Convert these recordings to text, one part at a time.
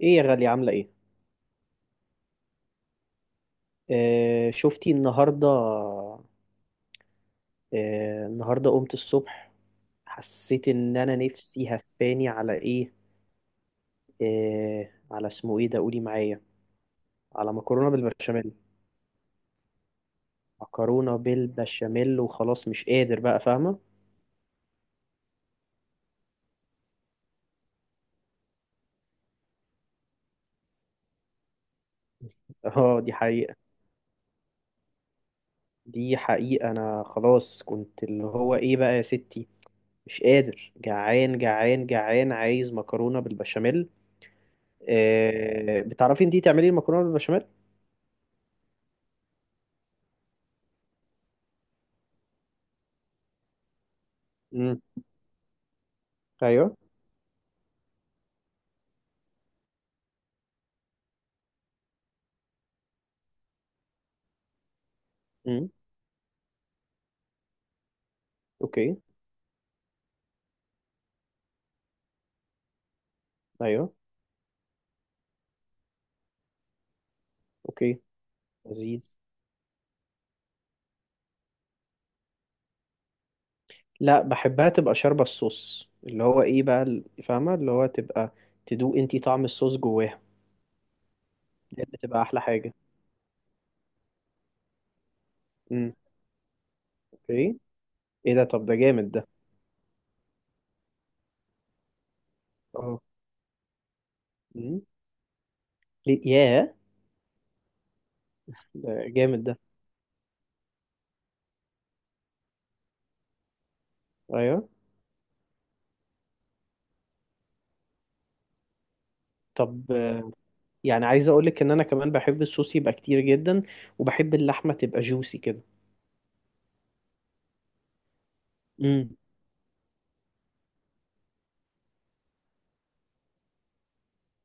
ايه يا غالية، عاملة ايه؟ شفتي النهاردة. النهاردة قمت الصبح، حسيت ان انا نفسي هفاني على ايه؟ على اسمه ايه ده، قولي معايا على مكرونة بالبشاميل. مكرونة بالبشاميل وخلاص مش قادر بقى، فاهمة؟ اه، دي حقيقة. دي حقيقة، انا خلاص كنت اللي هو ايه بقى يا ستي، مش قادر، جعان جعان جعان، عايز مكرونة بالبشاميل. بتعرفي انتي تعملي المكرونة بالبشاميل؟ امم، ايوه. اوكي. ايوه. اوكي. لذيذ. لا، بحبها تبقى شاربة الصوص، اللي هو ايه بقى فاهمة، اللي هو تبقى تدوق انتي طعم الصوص جواها. دي بتبقى احلى حاجة. امم، اوكي. ايه ده، طب ده جامد ده. اه. امم ليه ياه، ده جامد ده. ايوه. طب، يعني عايز اقولك ان انا كمان بحب الصوص يبقى كتير جدا، وبحب اللحمة تبقى جوسي كده. امم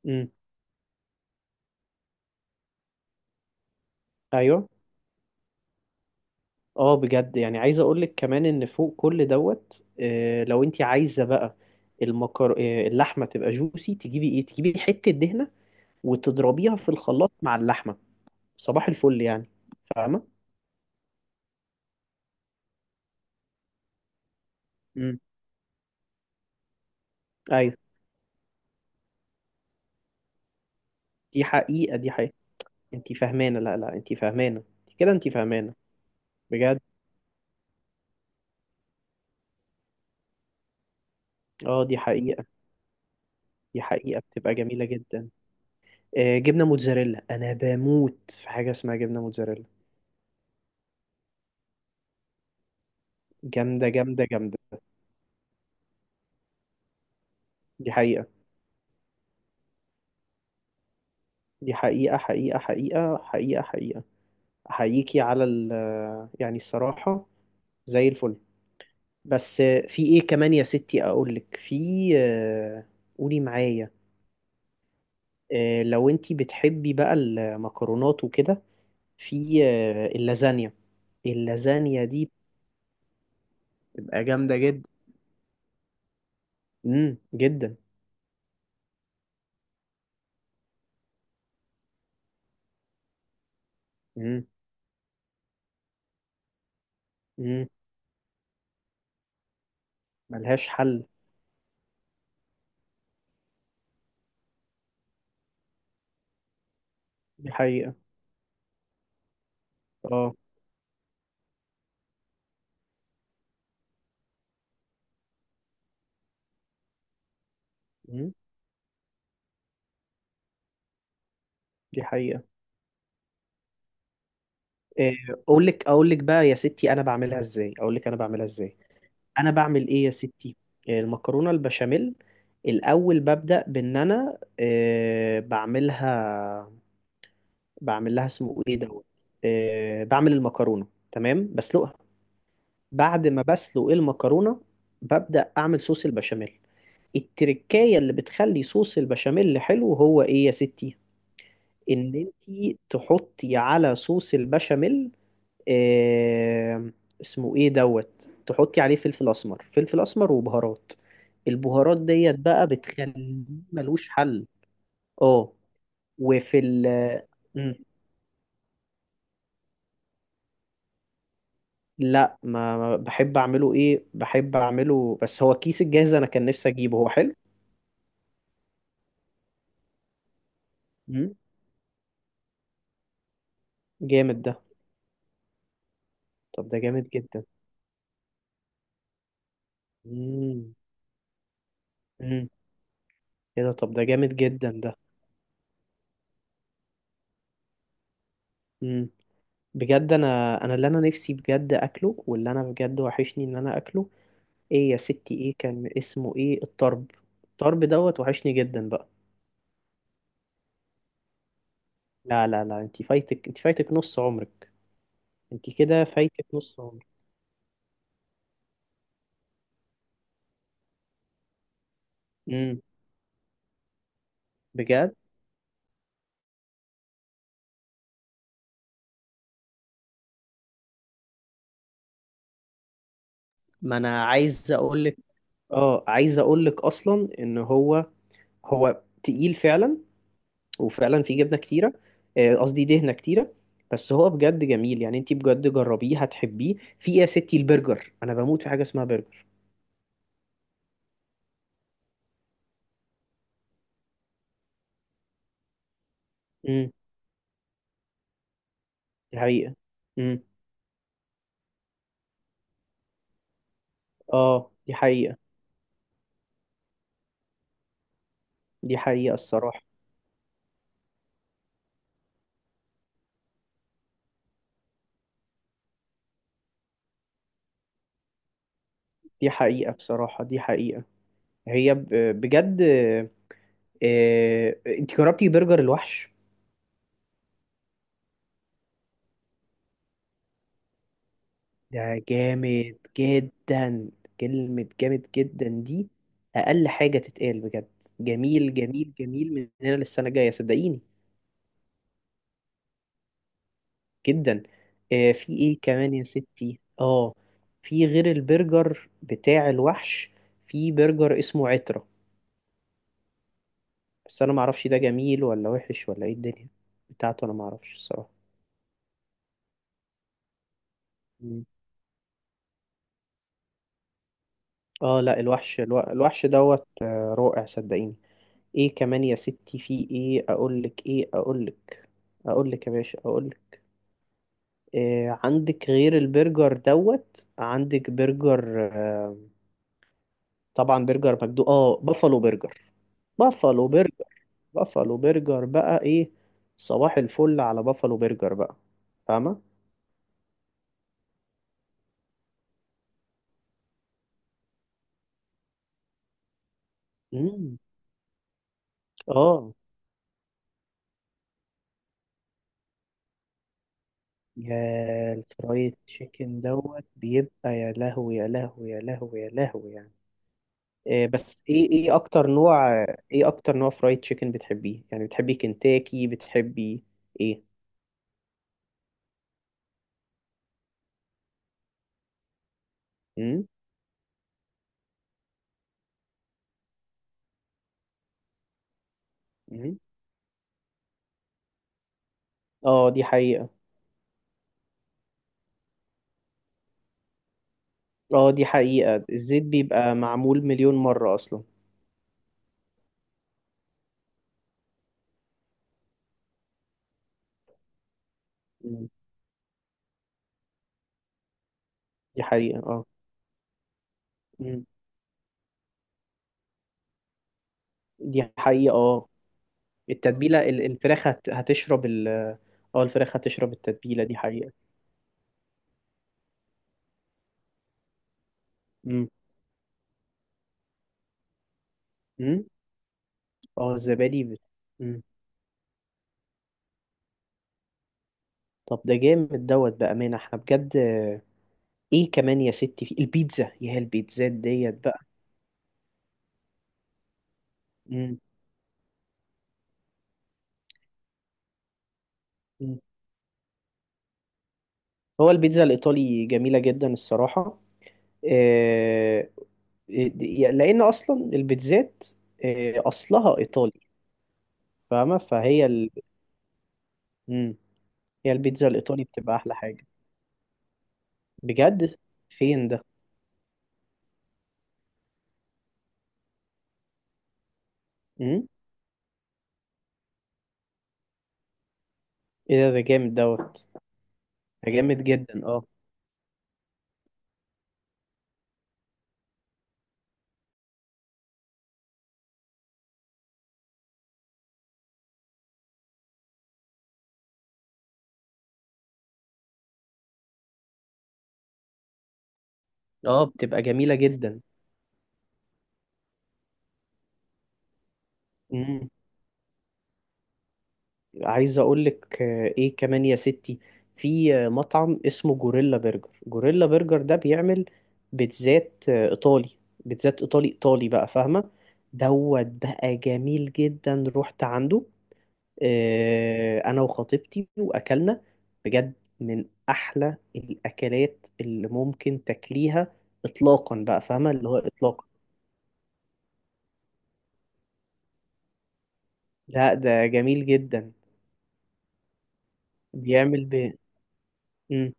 امم ايوه. اه بجد، يعني عايز اقولك كمان ان فوق كل دوت، لو انت عايزه بقى المكر آه، اللحمه تبقى جوسي، تجيبي ايه، تجيبي حته دهنه وتضربيها في الخلاط مع اللحمه. صباح الفل يعني. فاهمه. امم، ايوه. دي حقيقه، دي حقيقه. انت فاهمانه، لا لا، انت فاهمانه كده، انت فاهمانه. بجد. اه دي حقيقه. دي حقيقه بتبقى جميله جدا. جبنه موتزاريلا، انا بموت في حاجه اسمها جبنه موتزاريلا. جامده جامده جامده. دي حقيقه. دي حقيقة، حقيقة حقيقة حقيقة حقيقة. أحييكي على ال آه، يعني الصراحة، زي الفل. بس، في إيه كمان يا ستي؟ أقولك في، آه، قولي معايا. لو أنتي بتحبي بقى المكرونات وكده، في اللازانيا. اللازانيا دي بتبقى جامدة جدا. جدا. امم امم ملهاش حل. دي حقيقة، اه. امم دي حقيقة. آه، أقولك أقولك بقى يا ستي أنا بعملها إزاي، أقولك أنا بعملها إزاي. انا بعمل ايه يا ستي، المكرونه البشاميل. الاول ببدا بان انا، بعملها، بعمل لها اسمه ايه دوت. بعمل المكرونه، تمام، بسلقها. بعد ما بسلق المكرونه، ببدا اعمل صوص البشاميل. التركايه اللي بتخلي صوص البشاميل حلو هو ايه يا ستي؟ ان انتي تحطي على صوص البشاميل، آه، اسمه ايه دوت، تحطي عليه فلفل اسمر، فلفل اسمر وبهارات. البهارات ديت بقى بتخليه ملوش حل. اه. وفي ال آه، مم. لا، بحب اعمله ايه، بحب اعمله، بس هو الكيس الجاهز انا كان نفسي اجيبه، هو حلو. مم. جامد ده. طب ده جامد جدا. مم. مم. ايه ده، طب ده جامد جدا ده. مم. بجد، انا، انا اللي انا نفسي بجد اكله، واللي انا بجد وحشني ان انا اكله. ايه يا ستي، ايه كان اسمه ايه الطرب، الطرب دوت وحشني جدا بقى. لا لا لا، انت فايتك، انت فايتك نص عمرك. انت كده فايتك نص عمرك. امم. بجد. ما انا عايز اقول لك، اه عايز اقول لك اصلا ان هو، هو تقيل فعلا، وفعلا فيه جبنه كتيره. قصدي دهنه كتيره. بس هو بجد جميل، يعني انت بجد جربيه هتحبيه. في ايه يا ستي، البرجر، انا بموت في حاجه اسمها برجر. امم، دي حقيقه. امم، اه دي حقيقه. دي حقيقه الصراحه. دي حقيقة، بصراحة دي حقيقة. هي ب- بجد. انت جربتي برجر الوحش؟ ده جامد جدا. كلمة جامد جدا دي أقل حاجة تتقال. بجد، جميل جميل جميل من هنا للسنة الجاية، صدقيني. جدا. في ايه كمان يا ستي؟ اه. في غير البرجر بتاع الوحش، في برجر اسمه عترة. بس أنا معرفش ده جميل ولا وحش ولا ايه، الدنيا بتاعته أنا معرفش الصراحة. اه لا، الوحش دوت رائع، صدقيني. ايه كمان يا ستي، في ايه اقولك، ايه اقولك، اقولك يا باشا اقولك. إيه عندك غير البرجر دوت؟ عندك برجر، طبعا برجر مجدو، اه بافالو برجر. بافالو برجر. بافالو برجر بقى ايه. صباح الفل على بافالو برجر بقى، فاهمة. امم. اه. يا، الفرايد تشيكن دوت بيبقى يا لهوي يا لهوي يا لهوي يا لهوي يعني. بس ايه، ايه اكتر نوع، ايه اكتر نوع فرايد تشيكن بتحبيه؟ يعني بتحبي كنتاكي، بتحبي ايه؟ امم امم اه دي حقيقة. اه دي حقيقة، الزيت بيبقى معمول مليون مرة اصلا. مم. دي حقيقة، اه. مم. دي حقيقة، اه. التتبيلة ال- الفراخ هت- هتشرب ال اه الفراخ هتشرب التتبيلة، دي حقيقة. مم. مم. اه الزبادي مم. طب ده جامد دوت، بأمانة احنا بجد. ايه كمان يا ستي، في البيتزا يا البيتزات ديت بقى. مم. هو البيتزا الإيطالي جميلة جدا الصراحة. آه، آه، لأن أصلا البيتزات، أصلها إيطالي. فاهمة، مم. هي البيتزا الإيطالي بتبقى أحلى حاجة. بجد. فين ده؟ مم؟ إيه ده، ده جامد دوت. ده جامد جدا، اه. اه بتبقى جميلة جدا. مم. عايز اقول لك، ايه كمان يا ستي، في مطعم اسمه جوريلا برجر. جوريلا برجر ده بيعمل بيتزات ايطالي، بيتزات ايطالي ايطالي بقى، فاهمه. دوت بقى جميل جدا، رحت عنده، انا وخطيبتي واكلنا. بجد من احلى الاكلات اللي ممكن تاكليها اطلاقا بقى، فاهمه اللي هو اطلاقا. لا ده جميل جدا. بيعمل ب... مم.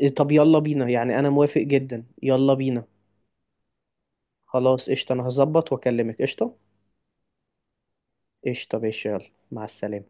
إيه، طب يلا بينا يعني، انا موافق جدا، يلا بينا. خلاص، قشطة. أنا هظبط وأكلمك. قشطة. قشطة ماشي، يلا، مع السلامة.